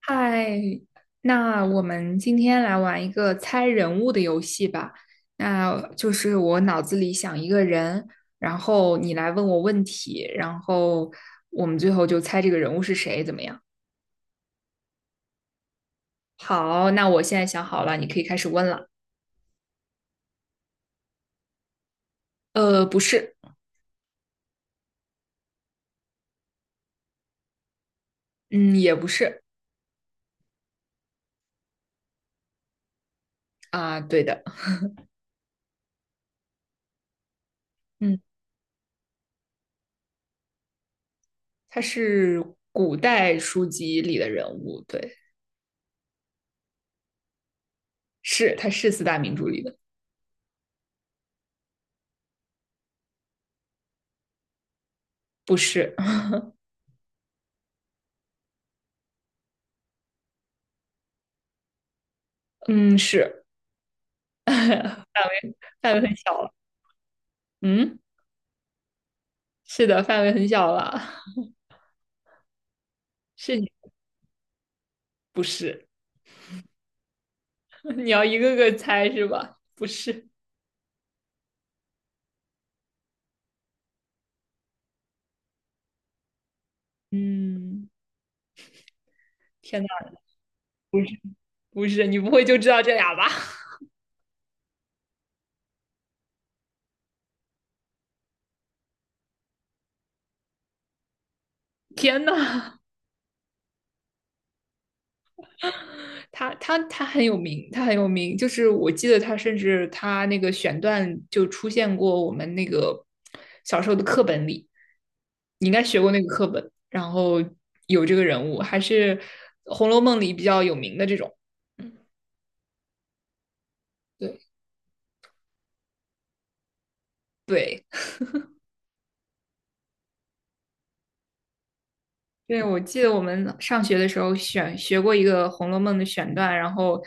嗨，那我们今天来玩一个猜人物的游戏吧。那就是我脑子里想一个人，然后你来问我问题，然后我们最后就猜这个人物是谁，怎么样？好，那我现在想好了，你可以开始问了。不是。嗯，也不是。啊，对的。嗯，他是古代书籍里的人物，对。是，他是四大名著里的。不是。嗯，是。范围很小了。嗯。是的，范围很小了。是你不是？你要一个个猜是吧？不是。嗯，天呐，不是不是，你不会就知道这俩吧？天呐，他很有名，他很有名，就是我记得他甚至他那个选段就出现过我们那个小时候的课本里，你应该学过那个课本，然后有这个人物，还是《红楼梦》里比较有名的这种。嗯，对对，对，我记得我们上学的时候选学过一个《红楼梦》的选段，然后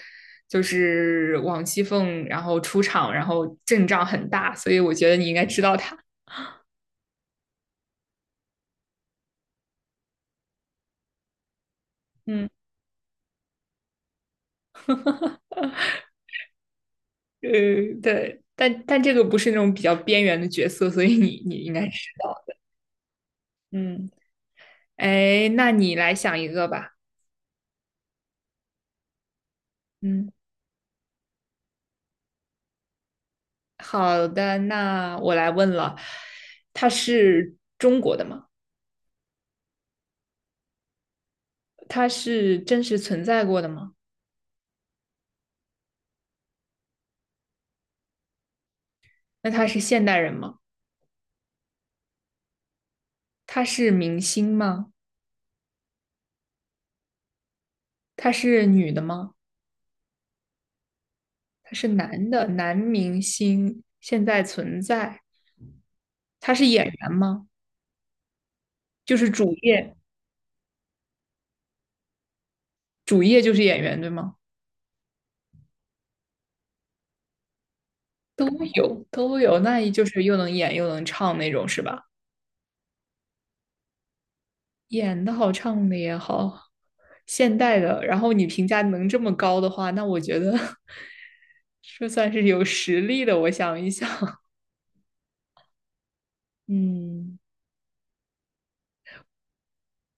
就是王熙凤，然后出场，然后阵仗很大，所以我觉得你应该知道她。嗯 呃，对，但这个不是那种比较边缘的角色，所以你应该知道。嗯，哎，那你来想一个吧。嗯，好的，那我来问了，他是中国的吗？他是真实存在过的吗？那他是现代人吗？他是明星吗？他是女的吗？他是男的，男明星现在存在，他是演员吗？就是主业，主业就是演员，对吗？都有，都有，那也就是又能演又能唱那种，是吧？演的好，唱的也好，现代的，然后你评价能这么高的话，那我觉得 这算是有实力的。我想一想，嗯，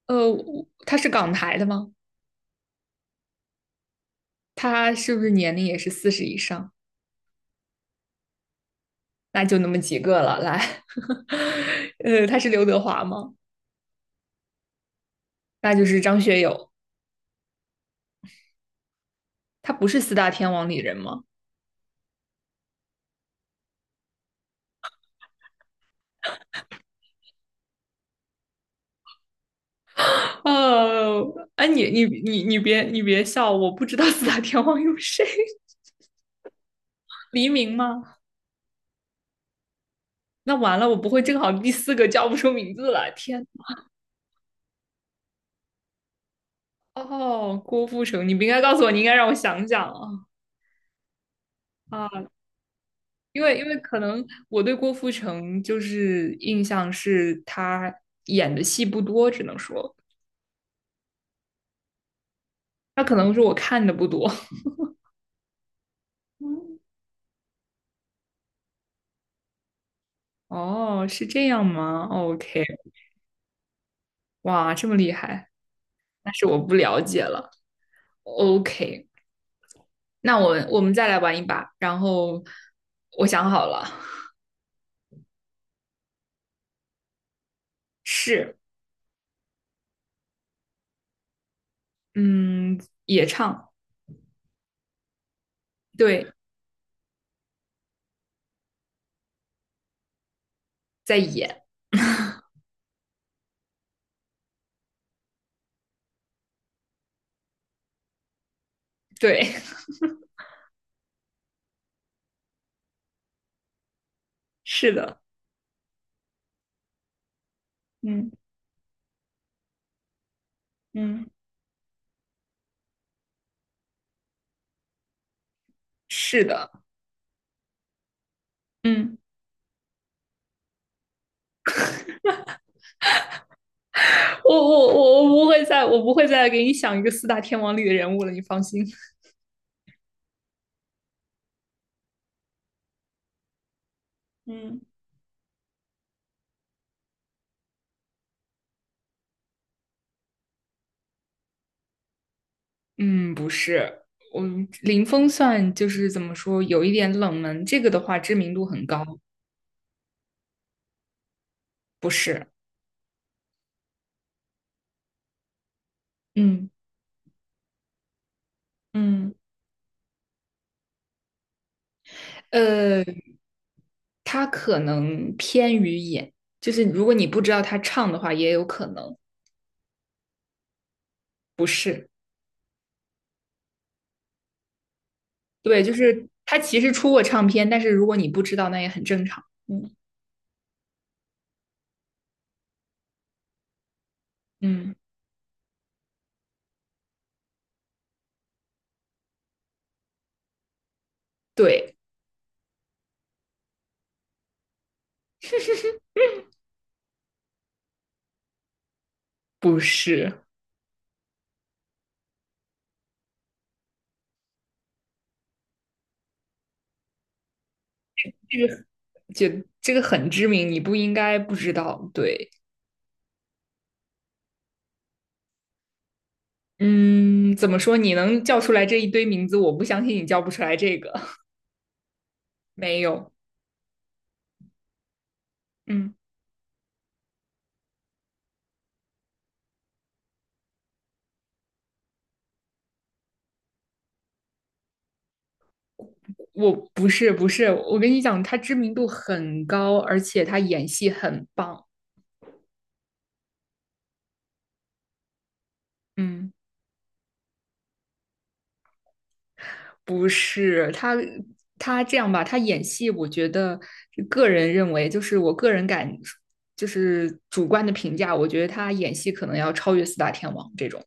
他是港台的吗？他是不是年龄也是四十以上？那就那么几个了。来，他是刘德华吗？那就是张学友。他不是四大天王里人吗？哦，哎，你别笑，我不知道四大天王有谁。黎明吗？那完了，我不会正好第四个叫不出名字了。天，哦，郭富城，你不应该告诉我，你应该让我想想啊啊，因为可能我对郭富城就是印象是他演的戏不多，只能说他可能是我看的不多。哦，是这样吗？OK。哇，这么厉害，那是我不了解了。OK，那我们再来玩一把。然后我想好了。是。嗯，也唱。对，在演。对，是的。嗯嗯，是的。嗯，我我我我不会再我不会再给你想一个四大天王里的人物了，你放心。嗯嗯，不是。嗯，林峰算就是怎么说，有一点冷门。这个的话，知名度很高。不是。嗯嗯，呃，他可能偏于演，就是如果你不知道他唱的话，也有可能不是。对，就是他其实出过唱片，但是如果你不知道，那也很正常。嗯。嗯，对。不是，这个就这个很知名，你不应该不知道。对。嗯，怎么说？你能叫出来这一堆名字，我不相信你叫不出来这个。没有。嗯，不是不是，我跟你讲，他知名度很高，而且他演戏很棒。嗯，不是他。他这样吧，他演戏，我觉得个人认为，就是我个人感，就是主观的评价，我觉得他演戏可能要超越四大天王这种。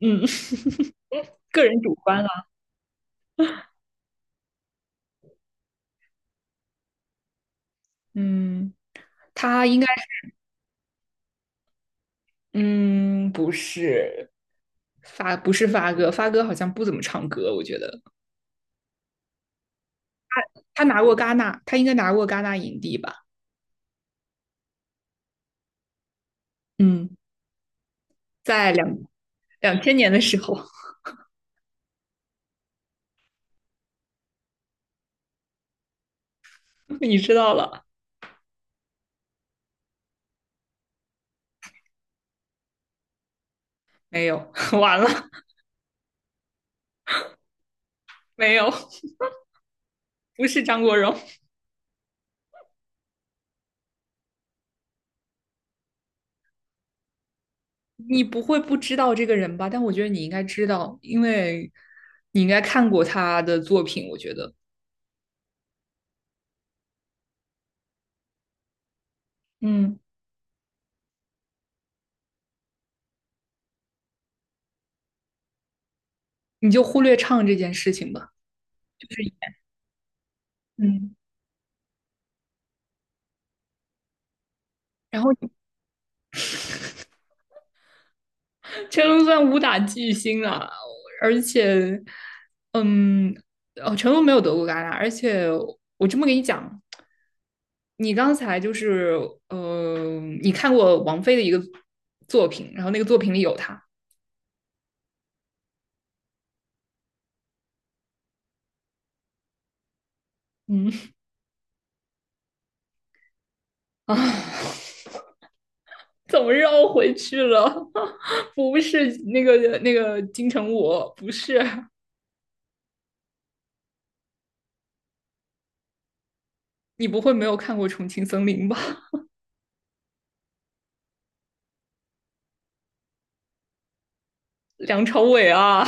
嗯，个人主观了。嗯，他应该，嗯，不是发哥，发哥好像不怎么唱歌，我觉得他拿过戛纳，他应该拿过戛纳影帝吧？嗯，在两千年的时候。你知道了没有？完了没有？不是张国荣，你不会不知道这个人吧？但我觉得你应该知道，因为你应该看过他的作品。我觉得，嗯，你就忽略唱这件事情吧，就是。嗯，然后成龙算武打巨星了，而且，嗯，哦，成龙没有得过戛纳，而且我这么跟你讲，你刚才就是，嗯，你看过王菲的一个作品，然后那个作品里有他。嗯啊，怎么绕回去了？不是那个金城武，不是，你不会没有看过《重庆森林》吧？梁朝伟啊，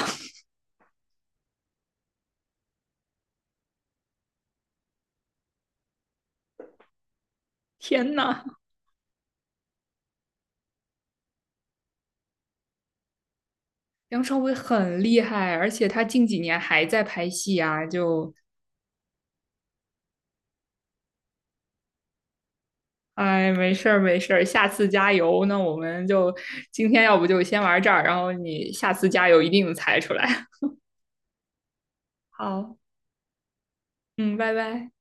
天呐！梁朝伟很厉害，而且他近几年还在拍戏啊，就，哎，没事儿没事儿，下次加油。那我们就今天要不就先玩这儿，然后你下次加油一定能猜出来。好。嗯，拜拜。